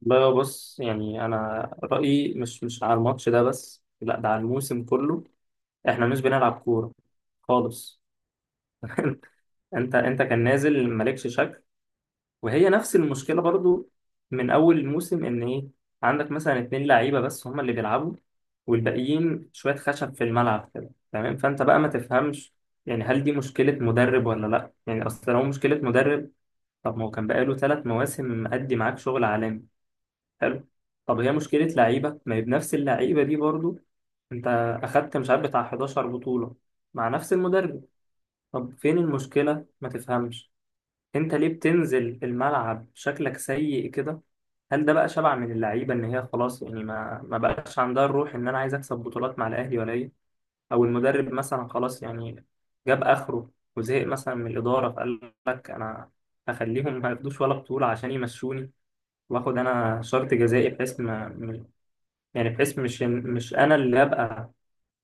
بقى بص، يعني انا رايي مش على الماتش ده بس، لا ده على الموسم كله. احنا مش بنلعب كوره خالص. انت كان نازل مالكش شكل، وهي نفس المشكله برضو، من اول الموسم ان ايه، عندك مثلا اتنين لعيبه بس هما اللي بيلعبوا، والباقيين شويه خشب في الملعب كده، تمام، فانت بقى ما تفهمش. يعني هل دي مشكله مدرب ولا لا؟ يعني اصل لو مشكله مدرب، طب ما هو كان بقاله 3 مواسم مأدي معاك شغل عالمي. حلو. طب هي مشكلة لعيبة؟ ما هي بنفس اللعيبة دي برضو، انت اخدت مش عارف بتاع 11 بطولة مع نفس المدرب. طب فين المشكلة؟ ما تفهمش. انت ليه بتنزل الملعب شكلك سيء كده؟ هل ده بقى شبع من اللعيبة، ان هي خلاص يعني ما بقاش عندها الروح، ان انا عايز اكسب بطولات مع الاهلي، ولا ايه؟ او المدرب مثلا خلاص يعني جاب اخره، وزهق مثلا من الإدارة، فقال لك انا هخليهم ما ياخدوش ولا بطولة عشان يمشوني، واخد انا شرط جزائي بحيث ما، يعني بحيث مش انا اللي ابقى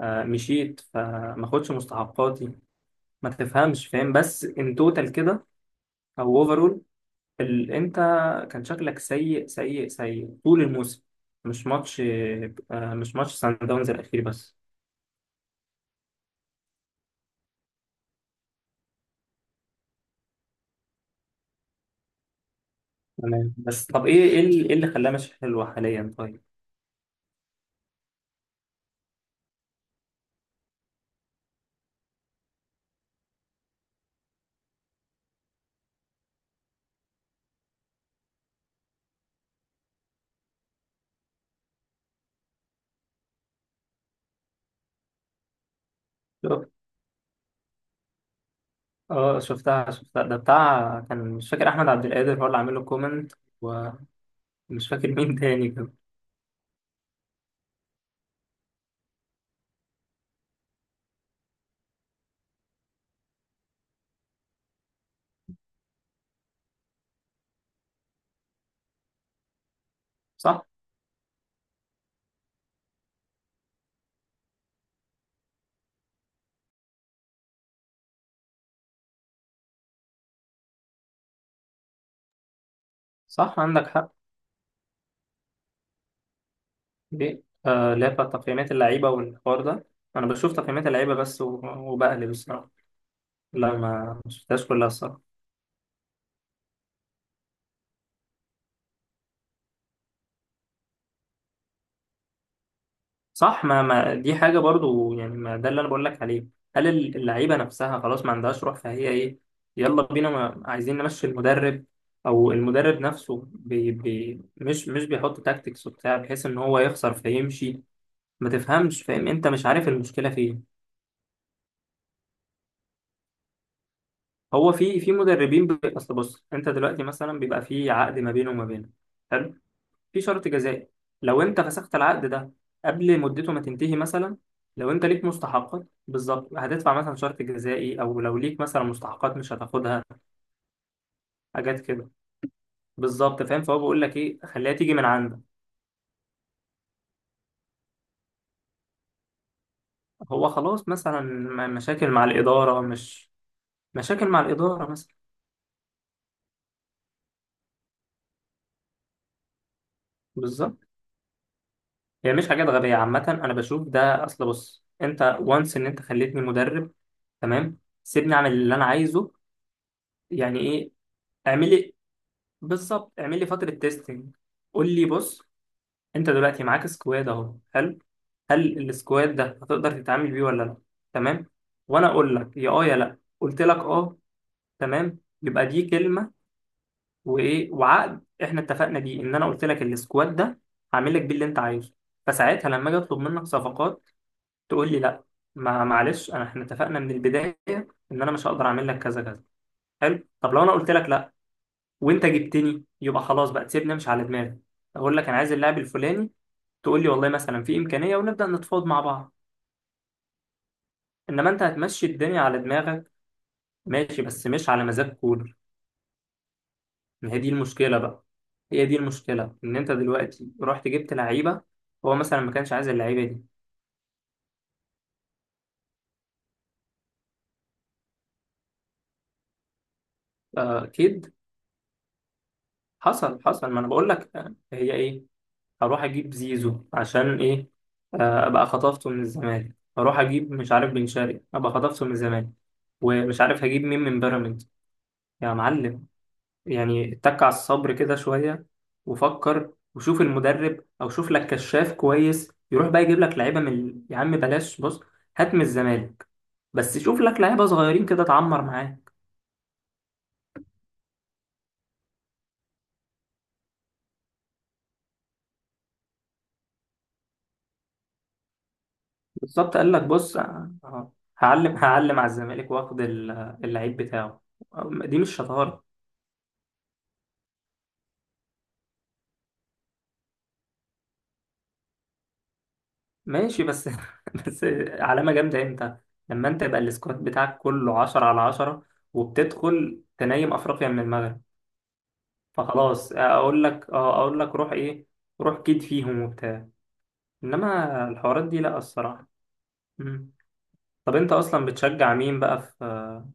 مشيت فما اخدش مستحقاتي. ما تفهمش، فاهم؟ بس ان توتال كده، او اوفرول، انت كان شكلك سيء سيء سيء طول الموسم، مش ماتش، مش ماتش سان داونز الاخير بس. تمام، بس طب ايه ايه اللي إيه اللي خلاه مش حلو حاليا؟ طيب. شوف، اه، شفتها شفتها، ده بتاع كان مش فاكر، احمد عبد القادر هو اللي عامل له كومنت، ومش فاكر مين تاني كده. صح، صح، عندك حق. دي لا، تقييمات اللعيبة والحوار ده، أنا بشوف تقييمات اللعيبة بس وبقلب الصراحة. لا، ما شفتهاش كلها الصراحة. صح، ما دي حاجة برضو، يعني ما ده اللي أنا بقول لك عليه. هل اللعيبة نفسها خلاص ما عندهاش روح، فهي إيه، يلا بينا، ما عايزين نمشي المدرب؟ أو المدرب نفسه، بي بي مش بيحط تاكتكس وبتاع، بحيث إن هو يخسر فيمشي. ما تفهمش، فاهم؟ أنت مش عارف المشكلة فين. هو في مدربين، أصل بص، أنت دلوقتي مثلا بيبقى في عقد ما بينه وما بينه، في شرط جزائي، لو انت فسخت العقد ده قبل مدته ما تنتهي مثلا، لو انت ليك مستحقات بالظبط هتدفع مثلا شرط جزائي، او لو ليك مثلا مستحقات مش هتاخدها، حاجات كده. بالظبط، فاهم؟ فهو بيقول لك ايه، خليها تيجي من عندك. هو خلاص مثلا مشاكل مع الاداره، مش مشاكل مع الاداره مثلا. بالظبط. هي يعني مش حاجات غبيه عامه، انا بشوف، ده اصل بص، انت وانس، ان انت خليتني مدرب، تمام، سيبني اعمل اللي انا عايزه، يعني ايه؟ اعملي. بالظبط، اعمل لي فترة تيستنج، قول لي بص، انت دلوقتي معاك سكواد اهو، هل السكواد ده هتقدر تتعامل بيه ولا لا؟ تمام، وانا اقول لك يا اه يا لا. قلت لك اه، تمام، يبقى دي كلمة. وايه، وعقد احنا اتفقنا بيه، ان انا قلت لك السكواد ده هعمل لك بيه اللي انت عايزه، فساعتها لما اجي اطلب منك صفقات تقول لي لا. ما معلش، انا احنا اتفقنا من البداية، ان انا مش هقدر اعمل لك كذا كذا. حلو. طب لو انا قلت لك لا وانت جبتني، يبقى خلاص بقى تسيبني امشي على دماغي، اقول لك انا عايز اللاعب الفلاني، تقول لي والله مثلا في امكانيه، ونبدا نتفاوض مع بعض. انما انت هتمشي الدنيا على دماغك، ماشي، بس مش على مزاج كولر. ما هي دي المشكله بقى، هي دي المشكله، ان انت دلوقتي رحت جبت لعيبه هو مثلا ما كانش عايز اللعيبه دي. اكيد. حصل حصل، ما انا بقول لك، هي ايه، هروح اجيب زيزو عشان ايه؟ ابقى خطفته من الزمالك، هروح اجيب مش عارف بن شرقي ابقى خطفته من الزمالك، ومش عارف هجيب مين من بيراميدز. يا معلم، يعني اتك على الصبر كده شوية، وفكر وشوف المدرب، أو شوف لك كشاف كويس يروح بقى يجيب لك لعيبة من يا عم بلاش. بص، هات من الزمالك، بس شوف لك لعيبة صغيرين كده اتعمر معاه. بالظبط، قال لك بص، هعلم هعلم على الزمالك واخد اللعيب بتاعه، دي مش شطارة. ماشي، بس بس، علامة جامدة امتى؟ لما انت يبقى السكواد بتاعك كله 10 على 10 وبتدخل تنايم أفريقيا من المغرب، فخلاص، اقول لك روح، روح كيد فيهم وبتاع. انما الحوارات دي لا، الصراحه. مم. طب انت اصلا بتشجع مين بقى في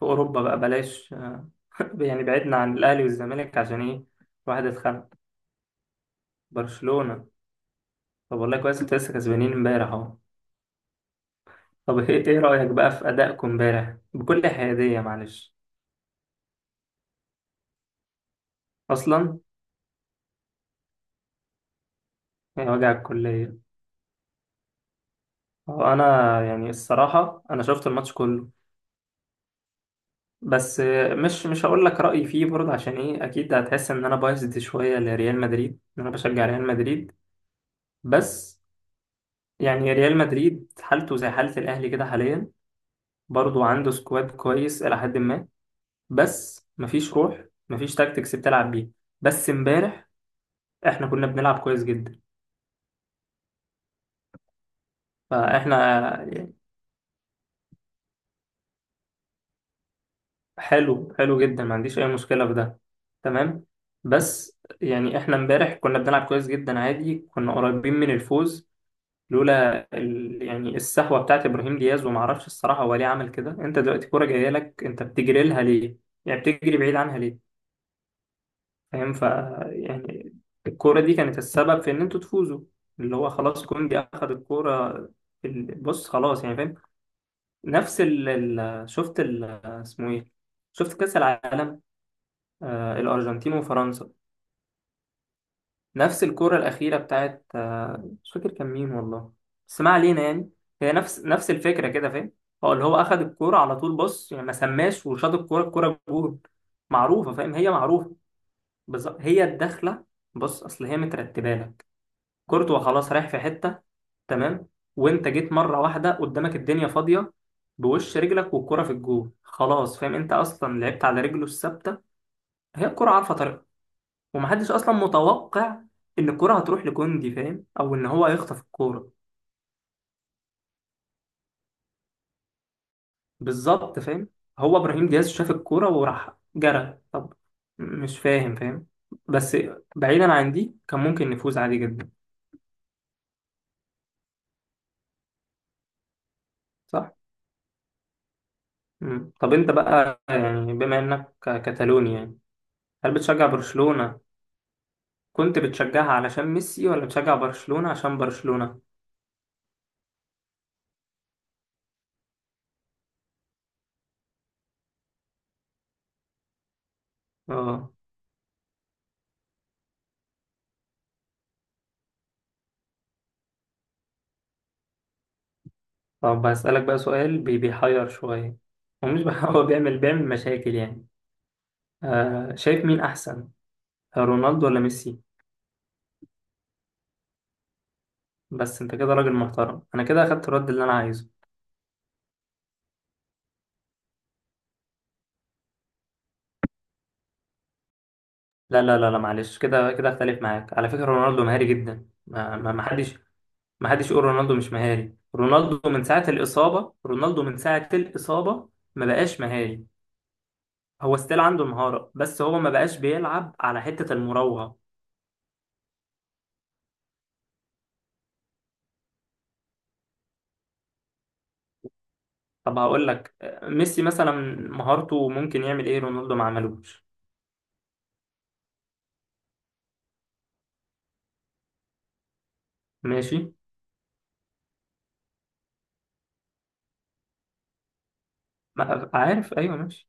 في اوروبا؟ بقى بلاش، يعني بعدنا عن الاهلي والزمالك عشان ايه؟ واحد اتخانق. برشلونه. طب والله كويس، انت لسه كسبانين امبارح اهو. طب إيه رايك بقى في ادائكم امبارح؟ بكل حياديه، معلش. اصلا. يا وجع الكليه. هو انا، يعني الصراحه، انا شفت الماتش كله، بس مش هقول لك رأيي فيه برضه. عشان ايه؟ اكيد هتحس ان انا بايظد شوية لريال مدريد، ان انا بشجع ريال مدريد، بس يعني ريال مدريد حالته زي حالة الاهلي كده حاليا، برضه عنده سكواد كويس الى حد ما، بس مفيش روح، مفيش تاكتكس بتلعب بيه. بس امبارح احنا كنا بنلعب كويس جدا، فاحنا، حلو حلو جدا ما عنديش اي مشكلة في ده. تمام. بس يعني احنا امبارح كنا بنلعب كويس جدا عادي، كنا قريبين من الفوز، لولا يعني السهوه بتاعت ابراهيم دياز، وما اعرفش الصراحه هو ليه عمل كده. انت دلوقتي كوره جايه لك، انت بتجري لها ليه؟ يعني بتجري بعيد عنها ليه؟ فاهم، يعني الكوره دي كانت السبب في ان انتوا تفوزوا، اللي هو خلاص كوندي اخذ الكوره. بص خلاص يعني، فاهم، نفس شفت اسمه ايه، شفت كاس العالم، آه، الارجنتين وفرنسا، نفس الكرة الأخيرة بتاعت، مش فاكر كان مين والله، بس ما علينا يعني. هي نفس الفكرة كده، فاهم. هو اللي هو أخد الكرة على طول، بص يعني ما سماش وشاط الكرة جول. معروفة، فاهم، هي معروفة. بالظبط، هي الدخلة، بص أصل هي مترتبة لك، كورتوا خلاص رايح في حتة، تمام، وأنت جيت مرة واحدة قدامك الدنيا فاضية، بوش رجلك والكرة في الجول خلاص. فاهم؟ أنت أصلا لعبت على رجله الثابتة، هي الكرة عارفة، ومحدش اصلا متوقع ان الكرة هتروح لكوندي، فاهم، او ان هو هيخطف الكورة. بالظبط، فاهم. هو ابراهيم دياز شاف الكورة وراح جرى. طب مش فاهم، فاهم، بس بعيدا عن دي كان ممكن نفوز عادي جدا. صح. مم. طب انت بقى، يعني بما انك كتالوني يعني، هل بتشجع برشلونة؟ كنت بتشجعها علشان ميسي ولا بتشجع برشلونة عشان برشلونة؟ اه. طب هسألك بقى سؤال، بيحير شوية. هو مش بح- هو بيعمل مشاكل يعني. آه، شايف مين احسن، رونالدو ولا ميسي؟ بس انت كده راجل محترم، انا كده اخدت الرد اللي انا عايزه. لا لا لا لا، معلش. كده كده اختلف معاك. على فكرة رونالدو مهاري جدا، ما حدش، ما حدش يقول رونالدو مش مهاري. رونالدو من ساعة الإصابة ما بقاش مهاري. هو ستيل عنده مهارة، بس هو ما بقاش بيلعب على حتة المراوغة. طب هقول لك، ميسي مثلا مهارته ممكن يعمل ايه رونالدو ما عملوش؟ ماشي. عارف، ايوه، ماشي.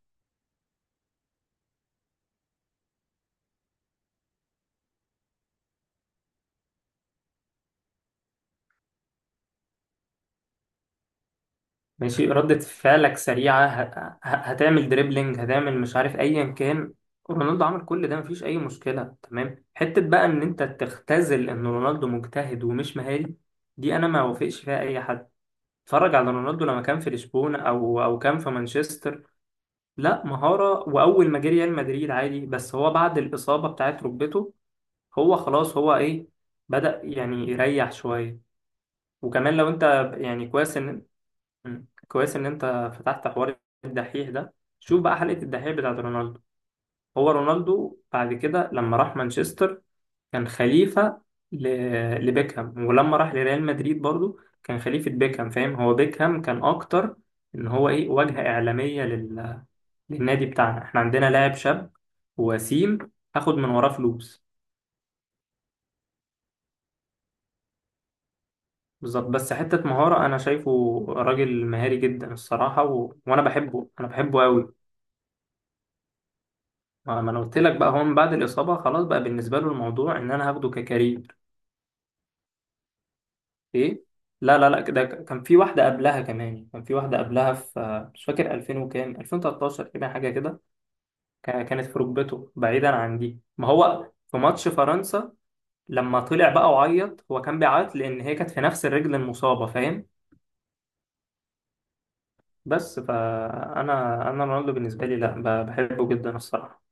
ماشي، ردة فعلك سريعة، هتعمل دريبلينج، هتعمل مش عارف أيا كان، رونالدو عمل كل ده، مفيش أي مشكلة. تمام، حتة بقى إن أنت تختزل إن رونالدو مجتهد ومش مهاري، دي أنا ما وافقش فيها أي حد. اتفرج على رونالدو لما كان في لشبونة، أو كان في مانشستر، لا مهارة. وأول ما جه ريال مدريد عادي، بس هو بعد الإصابة بتاعت ركبته هو خلاص، هو إيه، بدأ يعني يريح شوية. وكمان لو انت يعني، كويس ان، كويس ان انت فتحت حوار الدحيح ده. شوف بقى حلقة الدحيح بتاعت رونالدو. هو رونالدو بعد كده لما راح مانشستر كان خليفة ل... لبيكهام، ولما راح لريال مدريد برضو كان خليفة بيكهام، فاهم، هو بيكهام كان اكتر ان هو ايه، واجهة اعلامية للنادي بتاعنا، احنا عندنا لاعب شاب وسيم، هاخد من وراه فلوس. بالظبط، بس حتة مهارة انا شايفه راجل مهاري جدا الصراحة، وانا بحبه، انا بحبه قوي. ما انا قلت لك بقى، هو من بعد الاصابه خلاص بقى بالنسبه له الموضوع ان انا هاخده ككارير. ايه؟ لا لا لا، ده كان في واحده قبلها كمان، كان في واحده قبلها في مش فاكر 2000 وكام، 2013 تقريبا، حاجه كده. كانت في ركبته، بعيدا عن دي، ما هو في ماتش فرنسا لما طلع بقى وعيط، هو كان بيعيط لان هي كانت في نفس الرجل المصابه، فاهم. بس فانا، انا رونالدو بالنسبه لي، لا بحبه جدا الصراحه.